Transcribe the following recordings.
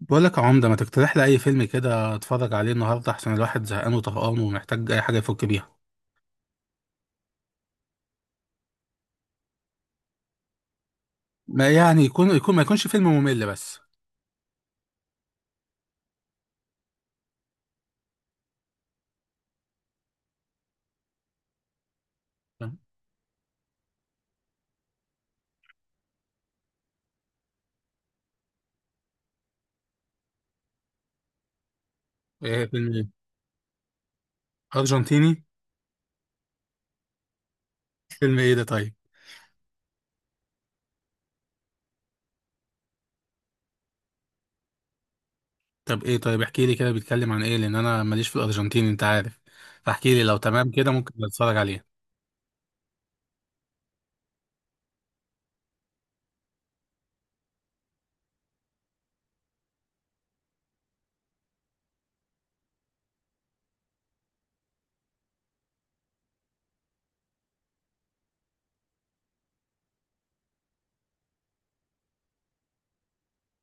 بقول لك يا عمدة ما تقترح لي أي فيلم كده أتفرج عليه النهاردة عشان الواحد زهقان وطهقان ومحتاج أي حاجة يفك بيها. ما يعني يكون ما يكونش فيلم ممل بس. إيه فيلم إيه؟ أرجنتيني. فيلم إيه ده طيب؟ طب إيه طيب، احكي لي كده بيتكلم عن إيه، لأن أنا ماليش في الأرجنتيني أنت عارف، فاحكي لي لو تمام كده ممكن أتفرج عليه.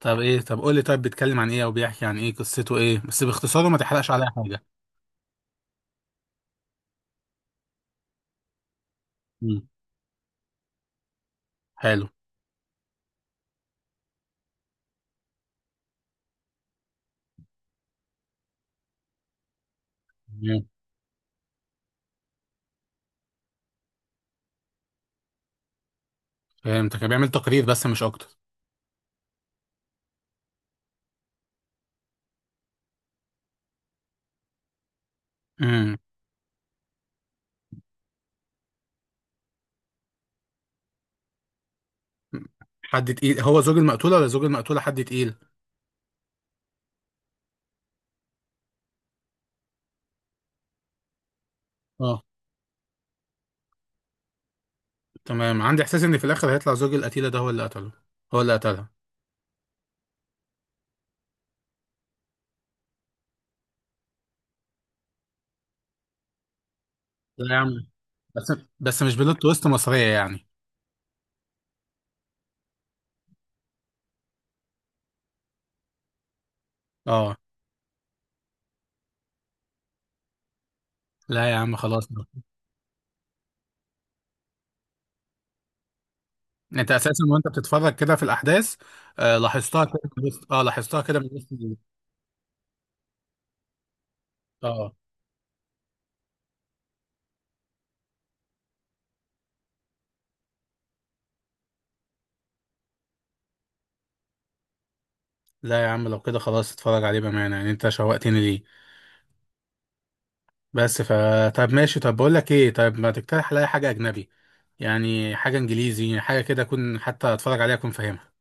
طب إيه طب قول لي طيب بيتكلم عن إيه أو بيحكي عن إيه، قصته إيه بس باختصار وما تحرقش عليا حاجة. مم. حلو. مم. فهمتك، بيعمل تقرير بس مش أكتر. مم. حد تقيل هو زوج المقتولة، ولا زوج المقتولة حد تقيل؟ اه تمام، عندي احساس ان في الاخر هيطلع زوج القتيلة ده هو اللي قتله، هو اللي قتلها. لا يا عم. بس. بس مش بلوت تويست مصرية يعني. اه. لا يا عم خلاص بقى. انت اساسا وانت بتتفرج كده في الاحداث، لاحظتها كده من لاحظتها كده من وسط ال- اه لا يا عم لو كده خلاص اتفرج عليه بامانه، يعني انت شوقتني ليه. بس ف طب ماشي، طب بقول لك ايه، طب ما تقترح عليا حاجه اجنبي، يعني حاجه انجليزي حاجه كده اكون حتى اتفرج عليها اكون فاهمها.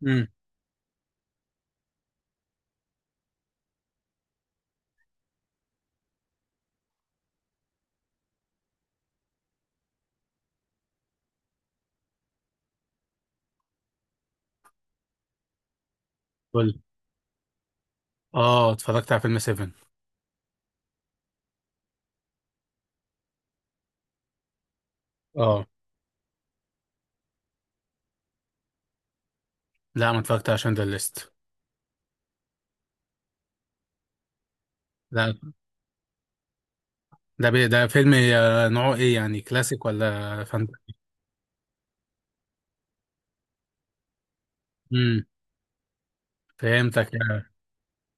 مم. قول. اه اتفرجت على فيلم 7. اه. لا ما اتفرجت على شندر ليست. لا ده بي ده فيلم نوعه ايه يعني، كلاسيك ولا فانت؟ امم. فهمتك آه.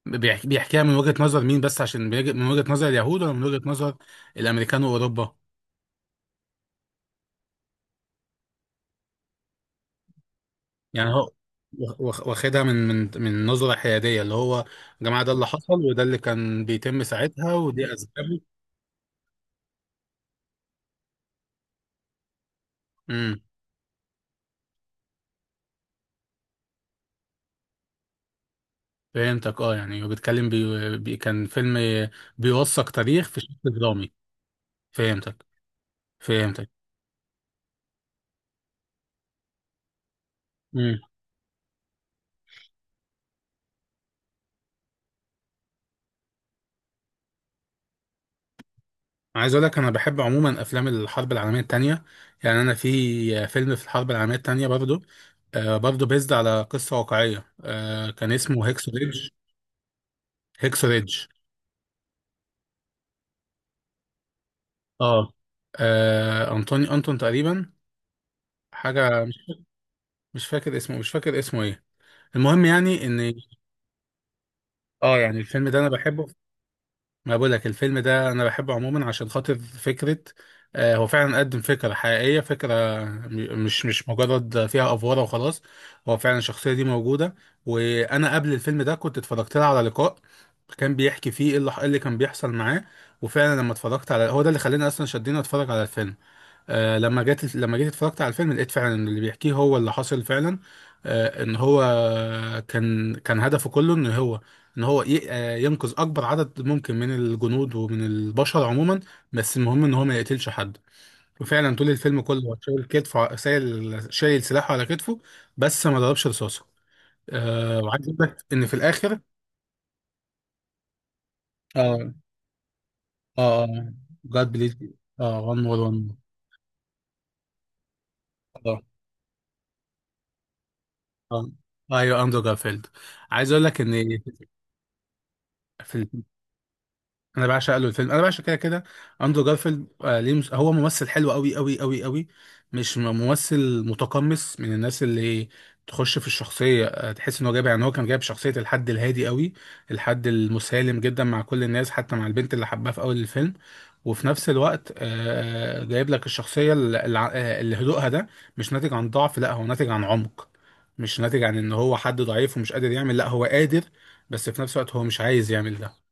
بيحكي، بيحكيها من وجهة نظر مين بس، عشان من وجهة نظر اليهود ولا من وجهة نظر الامريكان واوروبا؟ يعني هو واخدها من من نظرة حيادية، اللي هو يا جماعة ده اللي حصل وده اللي كان بيتم ساعتها ودي اسبابه. امم. فهمتك اه، يعني وبيتكلم كان فيلم بيوثق تاريخ في شكل درامي. فهمتك. فهمتك. امم. عايز اقول لك انا بحب عموما افلام الحرب العالميه الثانيه. يعني انا في فيلم في الحرب العالميه الثانيه برضو، آه برضو بيزد على قصه واقعيه، آه كان اسمه هيكسو ريدج. هيكسو ريدج. اه. انطوني انتون تقريبا، حاجه مش، مش فاكر اسمه، مش فاكر اسمه ايه. المهم يعني ان، اه يعني الفيلم ده انا بحبه. ما بقول لك الفيلم ده انا بحبه عموما عشان خاطر فكره، هو فعلا قدم فكره حقيقيه، فكره، مش مجرد فيها افواره وخلاص، هو فعلا الشخصيه دي موجوده. وانا قبل الفيلم ده كنت اتفرجت لها على لقاء، كان بيحكي فيه ايه إيه اللي كان بيحصل معاه، وفعلا لما اتفرجت على هو ده اللي خلاني اصلا شدني اتفرج على الفيلم. آه لما جيت اتفرجت على الفيلم لقيت فعلا إن اللي بيحكيه هو اللي حصل فعلا. آه ان هو كان هدفه كله ان هو، ينقذ اكبر عدد ممكن من الجنود ومن البشر عموما، بس المهم ان هو ما يقتلش حد. وفعلا طول الفيلم كله هو شايل كتفه، شايل سلاحه على كتفه، بس ما ضربش رصاصه. آه وعايز اقول لك ان في الاخر. اه. اه. جاد بليز. اه وان مور. اه God bless you. آه، one more, one more. آه. آه، ايوه اندرو جارفيلد. عايز اقول لك ان فيلم، انا بعشق له الفيلم، انا بعشق كده كده. اندرو جارفيلد آه ليه هو ممثل حلو قوي قوي قوي قوي، مش ممثل متقمص من الناس اللي تخش في الشخصيه، آه تحس ان هو جايب، يعني هو كان جايب شخصيه الحد الهادي قوي، الحد المسالم جدا مع كل الناس حتى مع البنت اللي حبها في اول الفيلم. وفي نفس الوقت جايب لك الشخصيه اللي، اللي هدوءها ده مش ناتج عن ضعف، لا هو ناتج عن عمق. مش ناتج عن ان هو حد ضعيف ومش قادر يعمل، لا هو قادر، بس في نفس الوقت هو مش عايز يعمل ده.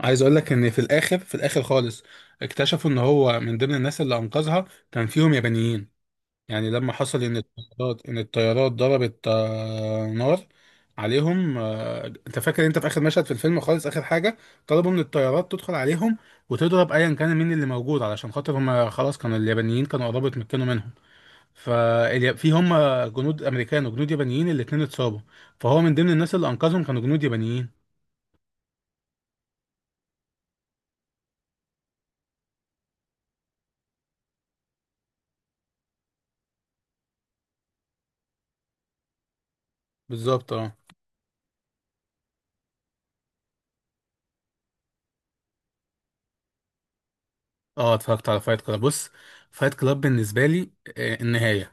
عايز اقول لك ان في الاخر في الاخر خالص، اكتشفوا ان هو من ضمن الناس اللي انقذها كان فيهم يابانيين. يعني لما حصل ان الطيارات ضربت نار عليهم، آه، انت فاكر انت في اخر مشهد في الفيلم خالص اخر حاجه، طلبوا من الطيارات تدخل عليهم وتضرب ايا كان مين اللي موجود، علشان خاطر هم خلاص كانوا اليابانيين كانوا قربوا يتمكنوا منهم. ففي هم جنود امريكان وجنود يابانيين الاتنين اتصابوا، فهو من ضمن الناس اللي انقذهم كانوا جنود يابانيين. بالظبط اه. اه اتفرجت على فايت كلاب. بص فايت كلاب بالنسبه لي، آه، النهايه.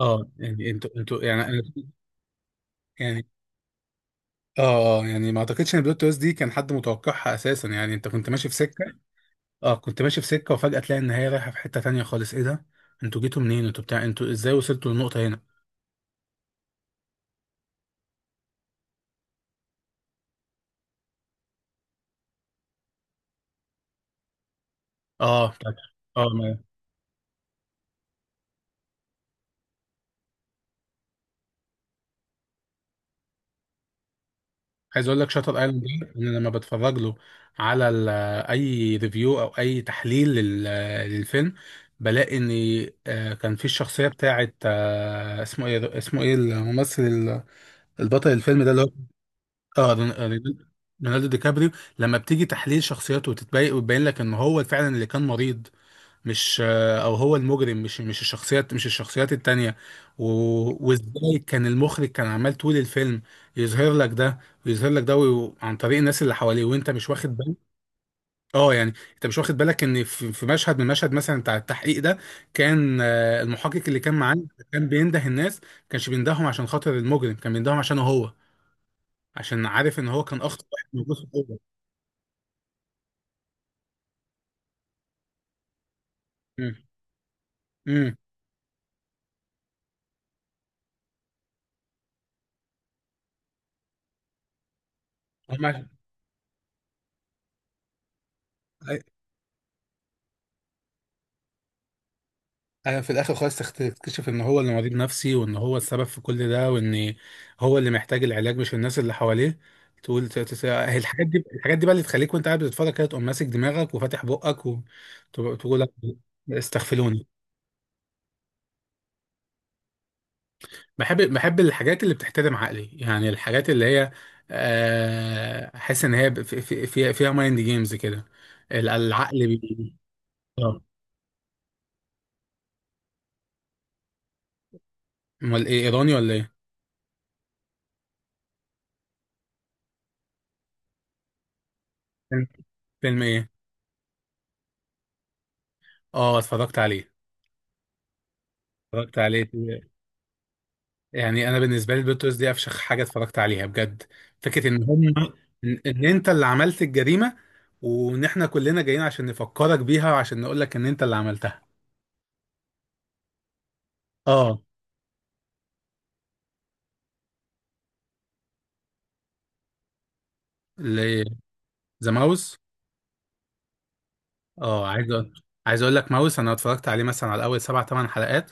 اه يعني انتوا يعني انا، يعني، اه اه يعني ما اعتقدش ان البلوت تويست دي كان حد متوقعها اساسا، يعني انت كنت ماشي في سكه. اه كنت ماشي في سكه وفجاه تلاقي النهايه رايحه في حته تانية خالص، ايه ده انتوا جيتوا منين، انتوا بتاع، انتوا ازاي وصلتوا للنقطه هنا. اه اه عايز اقول لك شاتر ايلاند ده، انا لما بتفرج له على اي ريفيو او اي تحليل للفيلم بلاقي ان، آه، كان في الشخصيه بتاعه، آه، اسمه ايه الممثل البطل الفيلم ده اللي هو، اه رونالدو دي كابريو. لما بتيجي تحليل شخصيته وتتبين وتبين لك ان هو فعلا اللي كان مريض، مش، او هو المجرم، مش مش الشخصيات التانية. وازاي كان المخرج كان عمال طول الفيلم يظهر لك ده ويظهر لك ده عن طريق الناس اللي حواليه وانت مش واخد بالك. اه يعني انت مش واخد بالك ان في مشهد من المشهد مثلا بتاع التحقيق ده، كان آه، المحقق اللي كان معاه كان بينده الناس، ما كانش بيندههم عشان خاطر المجرم، كان بيندههم عشانه هو، عشان عارف ان هو كان اخطر واحد موجود في الاوضه. امم. امم. ايوه في الاخر خالص تكتشف ان هو اللي مريض نفسي، وان هو السبب في كل ده، وان هو اللي محتاج العلاج مش الناس اللي حواليه. تقول هي الحاجات دي، الحاجات دي بقى اللي تخليك وانت قاعد بتتفرج كده تقوم ماسك دماغك وفاتح بقك وتقول استغفلوني. بحب، بحب الحاجات اللي بتحترم عقلي، يعني الحاجات اللي هي آه، احس ان هي فيها فيها مايند جيمز كده، العقل اه. امال ايه، ايراني ولا ايه؟ فيلم ايه؟ اه اتفرجت عليه. اتفرجت عليه، يعني انا بالنسبه لي البلوتوث دي افشخ حاجه اتفرجت عليها بجد، فكره ان هم، إن انت اللي عملت الجريمه، وان احنا كلنا جايين عشان نفكرك بيها وعشان نقول لك ان انت اللي عملتها. اه. ذا ماوس. اه عايز اقول لك ماوس، انا اتفرجت عليه مثلا على اول 7 8 حلقات،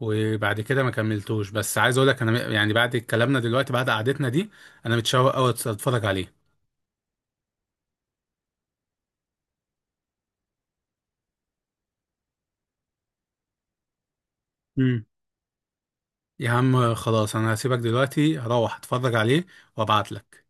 وبعد كده ما كملتوش، بس عايز اقول لك انا يعني بعد كلامنا دلوقتي بعد قعدتنا دي انا متشوق قوي اتفرج عليه. امم. يا عم خلاص انا هسيبك دلوقتي، هروح اتفرج عليه وابعت لك.